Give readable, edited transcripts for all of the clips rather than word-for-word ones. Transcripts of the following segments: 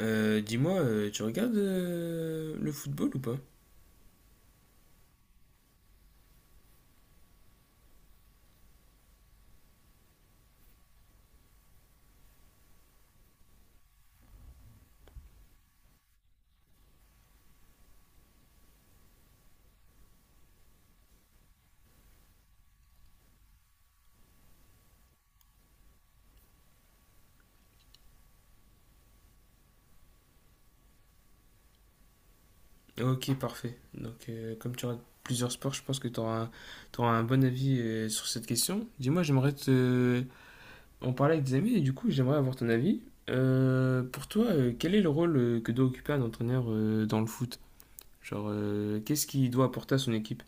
Dis-moi, tu regardes le football ou pas? Ok, parfait. Donc, comme tu regardes plusieurs sports, je pense que tu auras un bon avis sur cette question. Dis-moi, j'aimerais te en parler avec des amis et du coup, j'aimerais avoir ton avis. Pour toi, quel est le rôle que doit occuper un entraîneur dans le foot? Genre, qu'est-ce qu'il doit apporter à son équipe?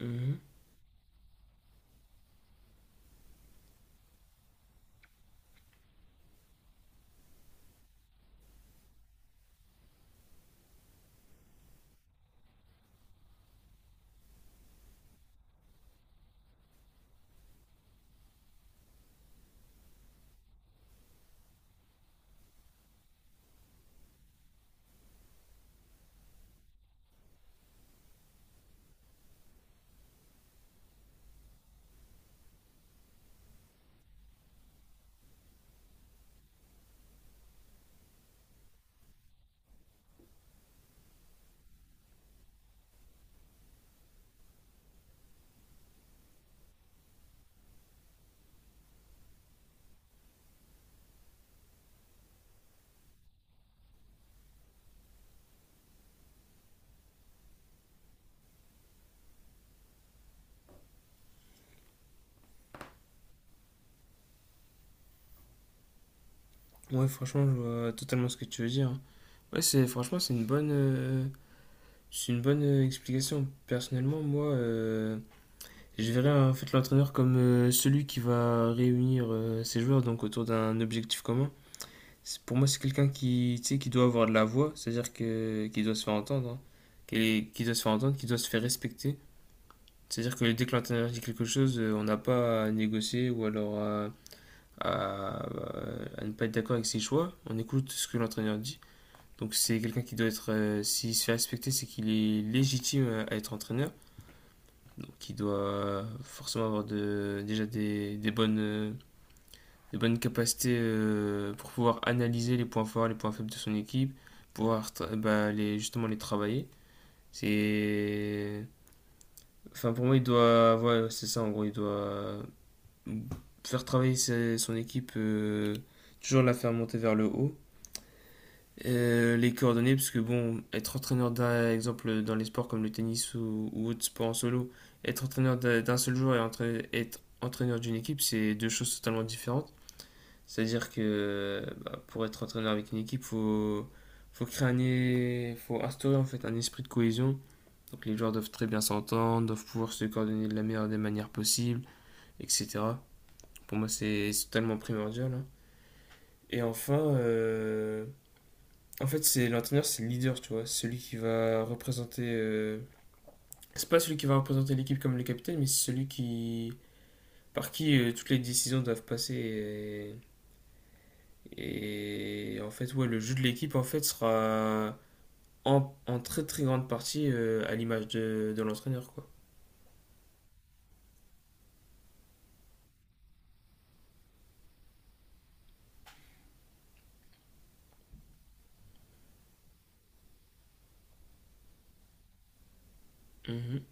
Mhm. Ouais, franchement, je vois totalement ce que tu veux dire. Ouais, c'est franchement, c'est une bonne explication. Personnellement, moi, je verrais en fait l'entraîneur comme celui qui va réunir ses joueurs, donc, autour d'un objectif commun. Pour moi, c'est quelqu'un qui, tu sais, qui doit avoir de la voix, c'est-à-dire que qui doit se faire entendre, hein. Qui doit se faire entendre, qui doit se faire respecter. C'est-à-dire que dès que l'entraîneur dit quelque chose, on n'a pas à négocier, ou alors à- à ne pas être d'accord avec ses choix. On écoute ce que l'entraîneur dit. Donc c'est quelqu'un qui doit être, s'il se fait respecter, c'est qu'il est légitime à être entraîneur, qui doit forcément avoir de, déjà des bonnes capacités pour pouvoir analyser les points forts, les points faibles de son équipe, pouvoir, bah, les, justement les travailler. C'est... Enfin, pour moi, il doit... Ouais, c'est ça, en gros, il doit faire travailler son équipe, toujours la faire monter vers le haut. Les coordonnées, parce que bon, être entraîneur d'un exemple dans les sports comme le tennis ou autres sports en solo, être entraîneur d'un seul joueur et être entraîneur d'une équipe, c'est deux choses totalement différentes. C'est-à-dire que, bah, pour être entraîneur avec une équipe, faut créer faut instaurer en fait un esprit de cohésion. Donc les joueurs doivent très bien s'entendre, doivent pouvoir se coordonner de la meilleure des manières possibles, etc. Pour moi, c'est totalement primordial, hein. Et enfin, en fait, c'est l'entraîneur, c'est le leader, tu vois. Celui qui va représenter, c'est pas celui qui va représenter l'équipe comme le capitaine, mais c'est celui qui par qui toutes les décisions doivent passer. Et en fait, ouais, le jeu de l'équipe en fait sera en très très grande partie à l'image de l'entraîneur, quoi. Mhm.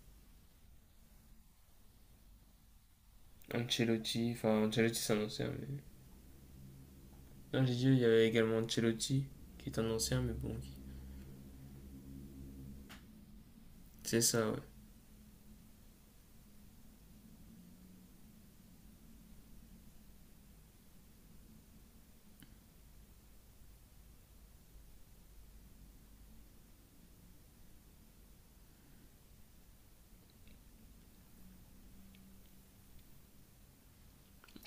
Ancelotti, enfin, Ancelotti c'est un ancien, mais non, j'ai dit il y avait également Ancelotti qui est un ancien, mais bon, c'est ça, ouais.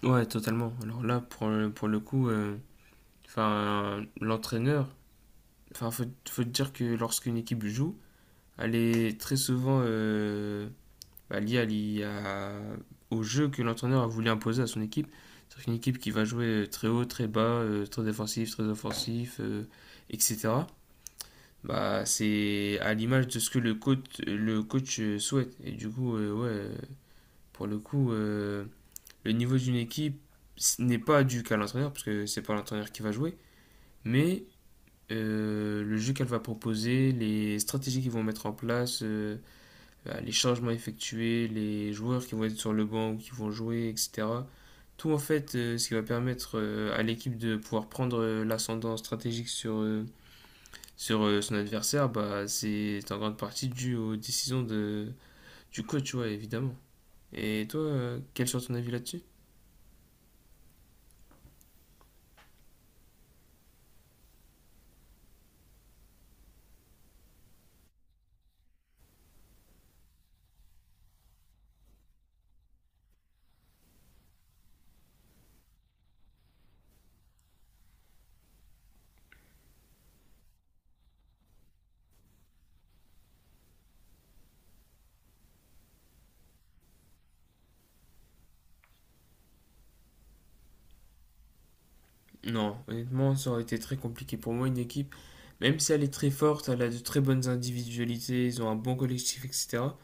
Ouais, totalement. Alors là, pour le coup, enfin, l'entraîneur, enfin, faut dire que lorsqu'une équipe joue, elle est très souvent, bah, liée au jeu que l'entraîneur a voulu imposer à son équipe. C'est-à-dire qu'une équipe qui va jouer, très haut, très bas, très défensif, très offensif, etc. Bah, c'est à l'image de ce que le coach souhaite. Et du coup, ouais, pour le coup, le niveau d'une équipe ce n'est pas dû qu'à l'entraîneur, parce que c'est pas l'entraîneur qui va jouer, mais le jeu qu'elle va proposer, les stratégies qu'ils vont mettre en place, bah, les changements effectués, les joueurs qui vont être sur le banc ou qui vont jouer, etc. Tout en fait, ce qui va permettre à l'équipe de pouvoir prendre l'ascendant stratégique sur son adversaire, bah, c'est en grande partie dû aux décisions du coach, ouais, évidemment. Et toi, quel sera ton avis là-dessus? Non, honnêtement, ça aurait été très compliqué pour moi. Une équipe, même si elle est très forte, elle a de très bonnes individualités, ils ont un bon collectif, etc.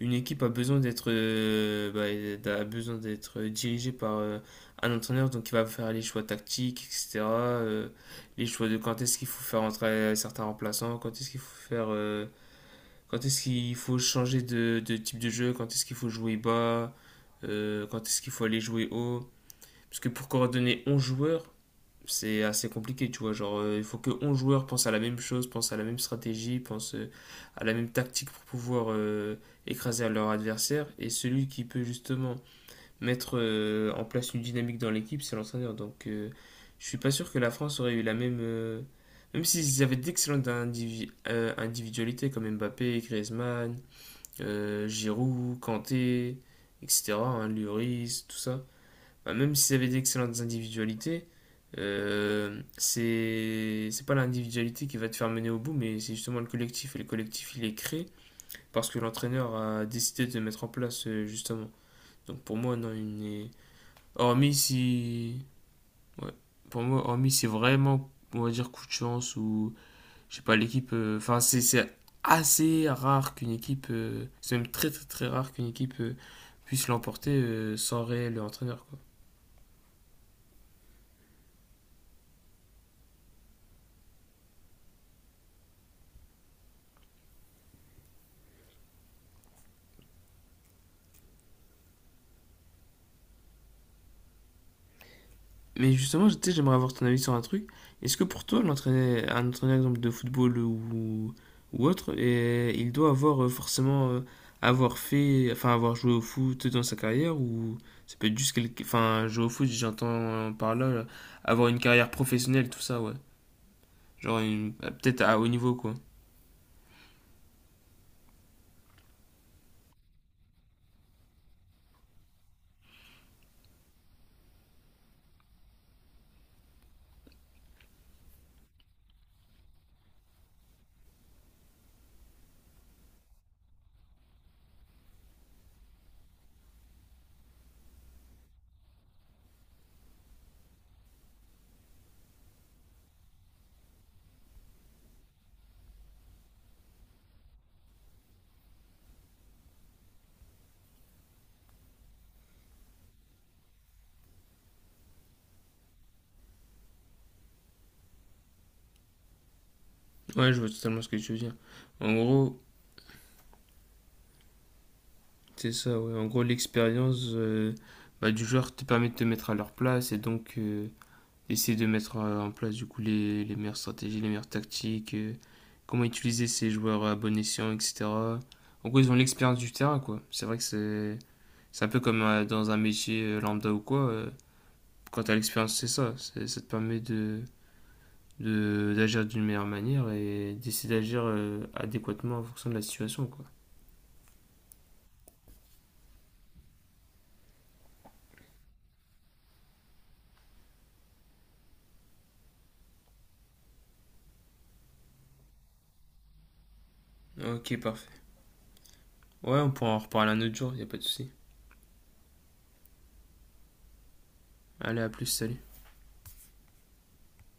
Une équipe a besoin d'être, bah, elle a besoin d'être dirigée par, un entraîneur, donc il va faire les choix tactiques, etc. Les choix de quand est-ce qu'il faut faire entrer certains remplaçants, quand est-ce qu'il faut faire, quand est-ce qu'il faut changer de type de jeu, quand est-ce qu'il faut jouer bas, quand est-ce qu'il faut aller jouer haut. Parce que pour coordonner 11 joueurs, c'est assez compliqué, tu vois. Genre, il faut que 11 joueurs pensent à la même chose, pensent à la même stratégie, pensent, à la même tactique pour pouvoir, écraser leur adversaire. Et celui qui peut justement mettre en place une dynamique dans l'équipe, c'est l'entraîneur. Donc, je suis pas sûr que la France aurait eu la même. Même s'ils avaient d'excellentes individualités comme Mbappé, Griezmann, Giroud, Kanté, etc., hein, Lloris, tout ça, bah, même s'ils avaient d'excellentes individualités, c'est pas l'individualité qui va te faire mener au bout, mais c'est justement le collectif. Et le collectif, il est créé parce que l'entraîneur a décidé de mettre en place, justement. Donc pour moi, non, il n'est. Hormis si. Ouais. Pour moi, hormis si vraiment, on va dire, coup de chance ou. Je sais pas, l'équipe. Enfin, c'est assez rare qu'une équipe. C'est même très, très, très rare qu'une équipe puisse l'emporter sans réel entraîneur, quoi. Mais justement, tu sais, j'aimerais avoir ton avis sur un truc. Est-ce que, pour toi, un entraîneur exemple, de football ou autre, et il doit avoir forcément avoir fait, enfin, avoir joué au foot dans sa carrière, ou ça peut être juste quelque, enfin, jouer au foot, j'entends par là avoir une carrière professionnelle, tout ça, ouais. Genre, peut-être à haut niveau, quoi. Ouais, je vois totalement ce que tu veux dire. En gros, c'est ça, ouais. En gros, l'expérience, bah, du joueur te permet de te mettre à leur place et donc, essayer de mettre en place du coup les meilleures stratégies, les meilleures tactiques, comment utiliser ces joueurs à bon escient, etc. En gros, ils ont l'expérience du terrain, quoi. C'est vrai que c'est un peu comme dans un métier lambda ou quoi. Quand t'as l'expérience, c'est ça. Ça te permet d'agir d'une meilleure manière et d'essayer d'agir adéquatement en fonction de la situation, quoi. Ok, parfait. Ouais, on pourra en reparler un autre jour, y a pas de souci. Allez, à plus, salut.